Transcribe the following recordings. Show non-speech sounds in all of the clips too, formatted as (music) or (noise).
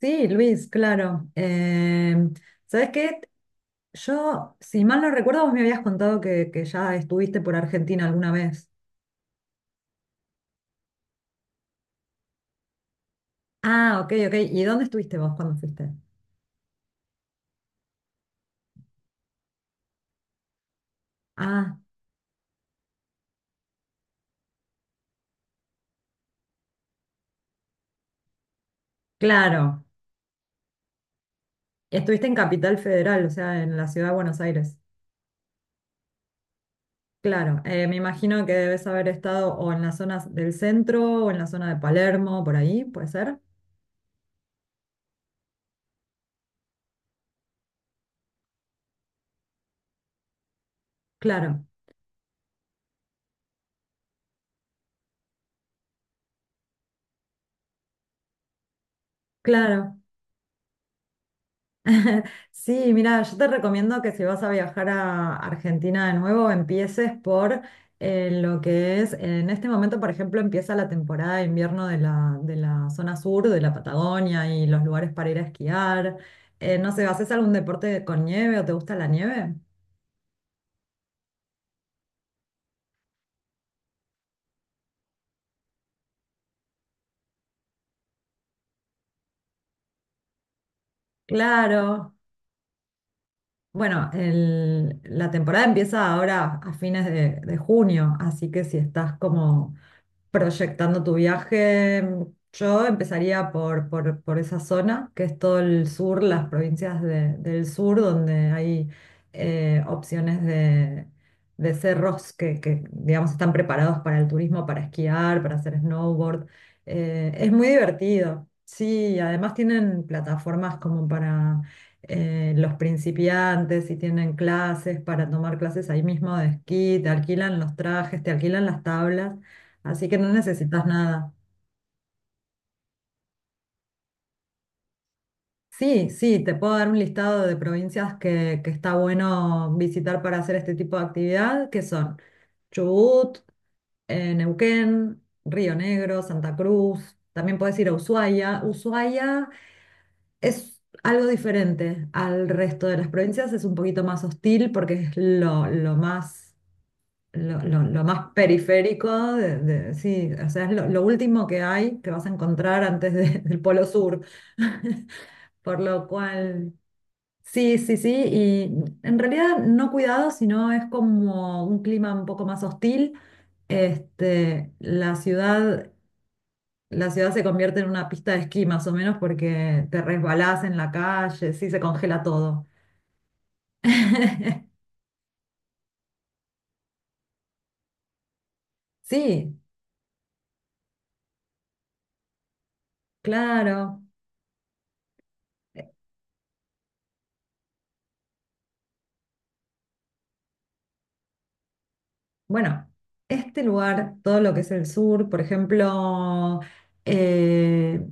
Sí, Luis, claro. ¿Sabes qué? Yo, si mal no recuerdo, vos me habías contado que ya estuviste por Argentina alguna vez. Ah, ok, ok. ¿Y dónde estuviste vos cuando fuiste? Ah, claro. Estuviste en Capital Federal, o sea, en la ciudad de Buenos Aires. Claro, me imagino que debes haber estado o en las zonas del centro o en la zona de Palermo, por ahí, ¿puede ser? Claro, claro. (laughs) Sí, mira, yo te recomiendo que si vas a viajar a Argentina de nuevo, empieces por lo que es, en este momento, por ejemplo, empieza la temporada de invierno de la zona sur, de la Patagonia y los lugares para ir a esquiar. No sé, ¿haces algún deporte con nieve o te gusta la nieve? Claro. Bueno, la temporada empieza ahora a fines de junio, así que si estás como proyectando tu viaje, yo empezaría por esa zona, que es todo el sur, las provincias del sur, donde hay opciones de cerros que, digamos, están preparados para el turismo, para esquiar, para hacer snowboard. Es muy divertido. Sí, además tienen plataformas como para los principiantes y tienen clases para tomar clases ahí mismo de esquí, te alquilan los trajes, te alquilan las tablas. Así que no necesitas nada. Sí, sí, te puedo dar un listado de provincias que está bueno visitar para hacer este tipo de actividad, que son Chubut, Neuquén, Río Negro, Santa Cruz. También puedes ir a Ushuaia. Ushuaia es algo diferente al resto de las provincias, es un poquito más hostil porque es lo más, lo más periférico, sí, o sea, es lo último que hay que vas a encontrar antes del Polo Sur. (laughs) Por lo cual, sí, sí, sí, y en realidad no cuidado, sino es como un clima un poco más hostil. Este, la ciudad se convierte en una pista de esquí más o menos porque te resbalás en la calle, sí, se congela todo. (laughs) Sí, claro. Eh, Bueno, este lugar, todo lo que es el sur, por ejemplo, eh,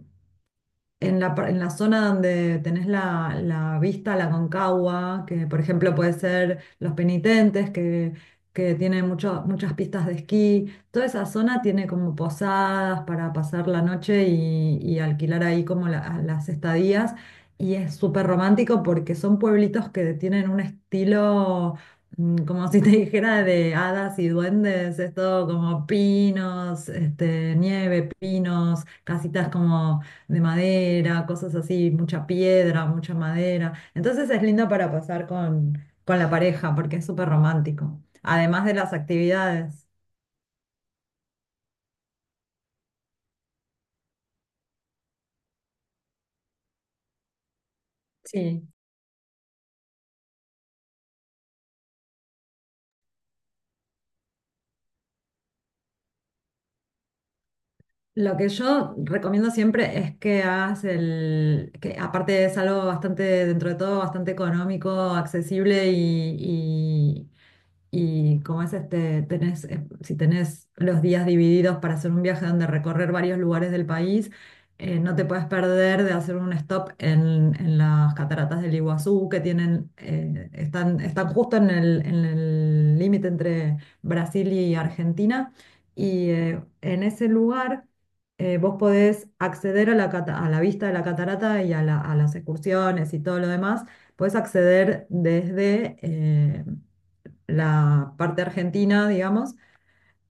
en la zona donde tenés la vista, la Concagua, que por ejemplo puede ser Los Penitentes, que tiene muchas pistas de esquí, toda esa zona tiene como posadas para pasar la noche y alquilar ahí como las estadías. Y es súper romántico porque son pueblitos que tienen un estilo como si te (laughs) dijera de hadas y duendes, es todo como pinos, este, nieve, pinos, casitas como de madera, cosas así, mucha piedra, mucha madera. Entonces es lindo para pasar con la pareja porque es súper romántico, además de las actividades. Sí. Lo que yo recomiendo siempre es que hagas el, que aparte es algo bastante, dentro de todo, bastante económico, accesible y como es este, tenés, si tenés los días divididos para hacer un viaje donde recorrer varios lugares del país, no te puedes perder de hacer un stop en las cataratas del Iguazú, que tienen, están justo en el límite entre Brasil y Argentina. Y en ese lugar vos podés acceder a la, a la vista de la catarata y a, a las excursiones y todo lo demás. Podés acceder desde la parte argentina, digamos,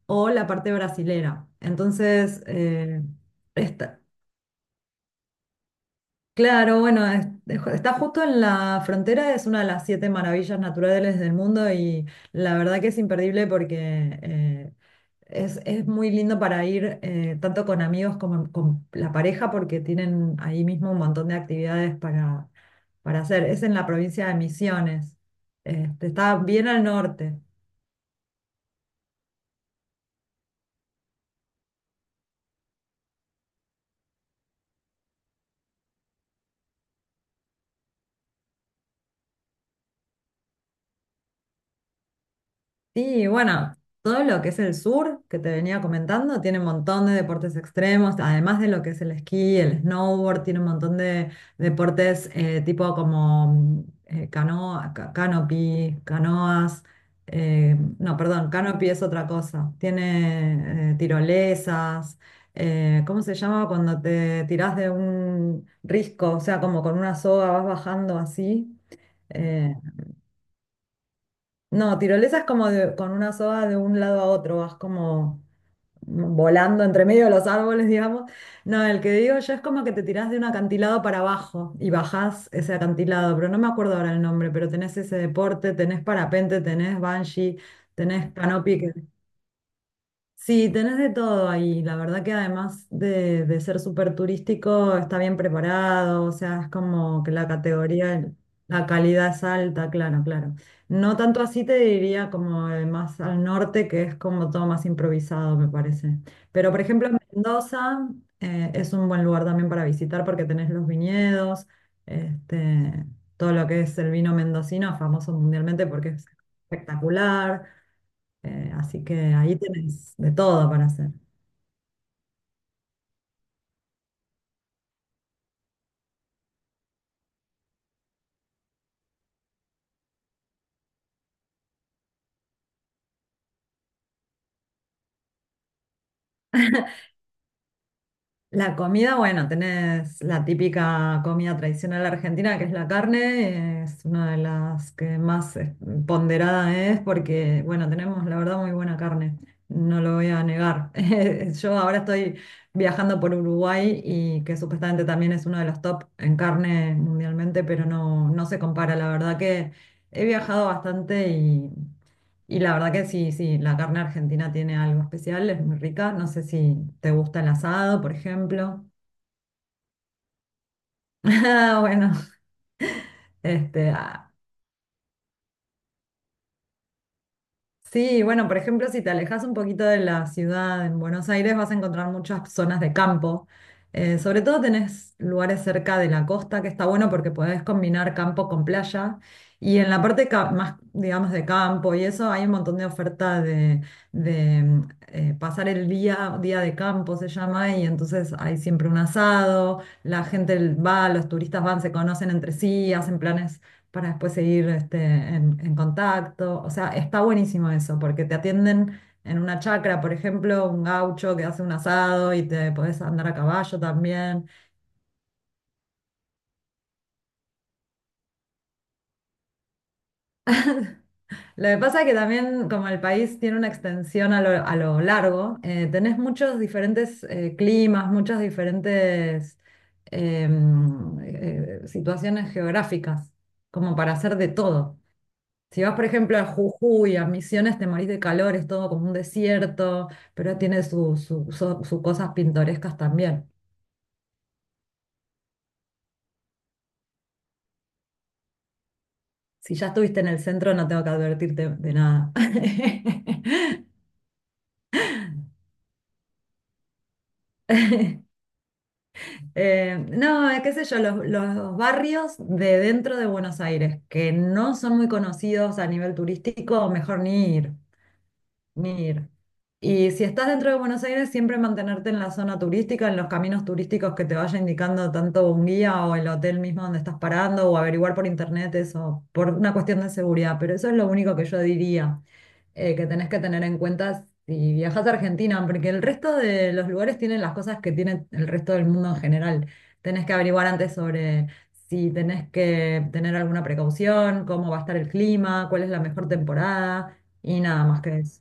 o la parte brasilera. Entonces, está, claro, bueno, está justo en la frontera, es una de las siete maravillas naturales del mundo y la verdad que es imperdible porque es muy lindo para ir tanto con amigos como con la pareja porque tienen ahí mismo un montón de actividades para hacer. Es en la provincia de Misiones, este, está bien al norte. Sí, bueno, todo lo que es el sur, que te venía comentando, tiene un montón de deportes extremos, además de lo que es el esquí, el snowboard, tiene un montón de deportes tipo como canoa, canopy, canoas, no, perdón, canopy es otra cosa, tiene tirolesas, ¿cómo se llama cuando te tirás de un risco? O sea, como con una soga vas bajando así. eh, no, tirolesa es como con una soga de un lado a otro, vas como volando entre medio de los árboles, digamos. No, el que digo yo es como que te tirás de un acantilado para abajo y bajás ese acantilado, pero no me acuerdo ahora el nombre, pero tenés ese deporte, tenés parapente, tenés bungee, tenés canopy. Sí, tenés de todo ahí. La verdad que además de ser súper turístico, está bien preparado, o sea, es como que la categoría, la calidad es alta, claro, claro. No tanto así te diría como más al norte, que es como todo más improvisado, me parece. Pero por ejemplo, Mendoza es un buen lugar también para visitar porque tenés los viñedos, este, todo lo que es el vino mendocino, famoso mundialmente porque es espectacular. Así que ahí tenés de todo para hacer. La comida, bueno, tenés la típica comida tradicional argentina, que es la carne, es una de las que más ponderada es porque, bueno, tenemos la verdad muy buena carne, no lo voy a negar. (laughs) Yo ahora estoy viajando por Uruguay y que supuestamente también es uno de los top en carne mundialmente, pero no, no se compara, la verdad que he viajado bastante y la verdad que sí, sí, la carne argentina tiene algo especial, es muy rica. No sé si te gusta el asado, por ejemplo. (laughs) Ah, bueno, este, ah, sí, bueno, por ejemplo, si te alejas un poquito de la ciudad en Buenos Aires, vas a encontrar muchas zonas de campo. Sobre todo tenés lugares cerca de la costa, que está bueno porque podés combinar campo con playa. Y en la parte más, digamos, de campo y eso, hay un montón de oferta de, pasar el día, día de campo se llama, y entonces hay siempre un asado, la gente va, los turistas van, se conocen entre sí, hacen planes para después seguir este, en contacto. O sea, está buenísimo eso, porque te atienden en una chacra, por ejemplo, un gaucho que hace un asado y te podés andar a caballo también. Lo que pasa es que también, como el país tiene una extensión a lo largo, tenés muchos diferentes climas, muchas diferentes situaciones geográficas, como para hacer de todo. Si vas, por ejemplo, a Jujuy, a Misiones, te morís de calor, es todo como un desierto, pero tiene sus su cosas pintorescas también. Si ya estuviste en el centro, no tengo que advertirte de nada. (laughs) No, qué sé yo, los barrios de dentro de Buenos Aires, que no son muy conocidos a nivel turístico, mejor ni ir. Mira. Y si estás dentro de Buenos Aires, siempre mantenerte en la zona turística, en los caminos turísticos que te vaya indicando tanto un guía o el hotel mismo donde estás parando, o averiguar por internet eso, por una cuestión de seguridad. Pero eso es lo único que yo diría que tenés que tener en cuenta si viajas a Argentina, porque el resto de los lugares tienen las cosas que tiene el resto del mundo en general. Tenés que averiguar antes sobre si tenés que tener alguna precaución, cómo va a estar el clima, cuál es la mejor temporada y nada más que eso.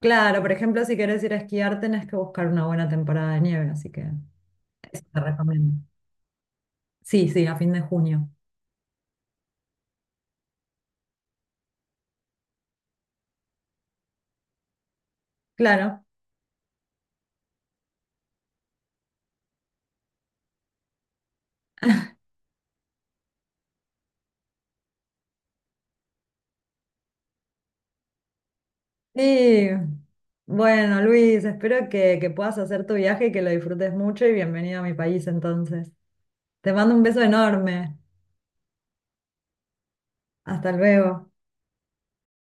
Claro, por ejemplo, si quieres ir a esquiar, tenés que buscar una buena temporada de nieve, así que eso te recomiendo. Sí, sí, a fin de junio. Claro. Y bueno, Luis, espero que puedas hacer tu viaje y que lo disfrutes mucho y bienvenido a mi país entonces. Te mando un beso enorme. Hasta luego.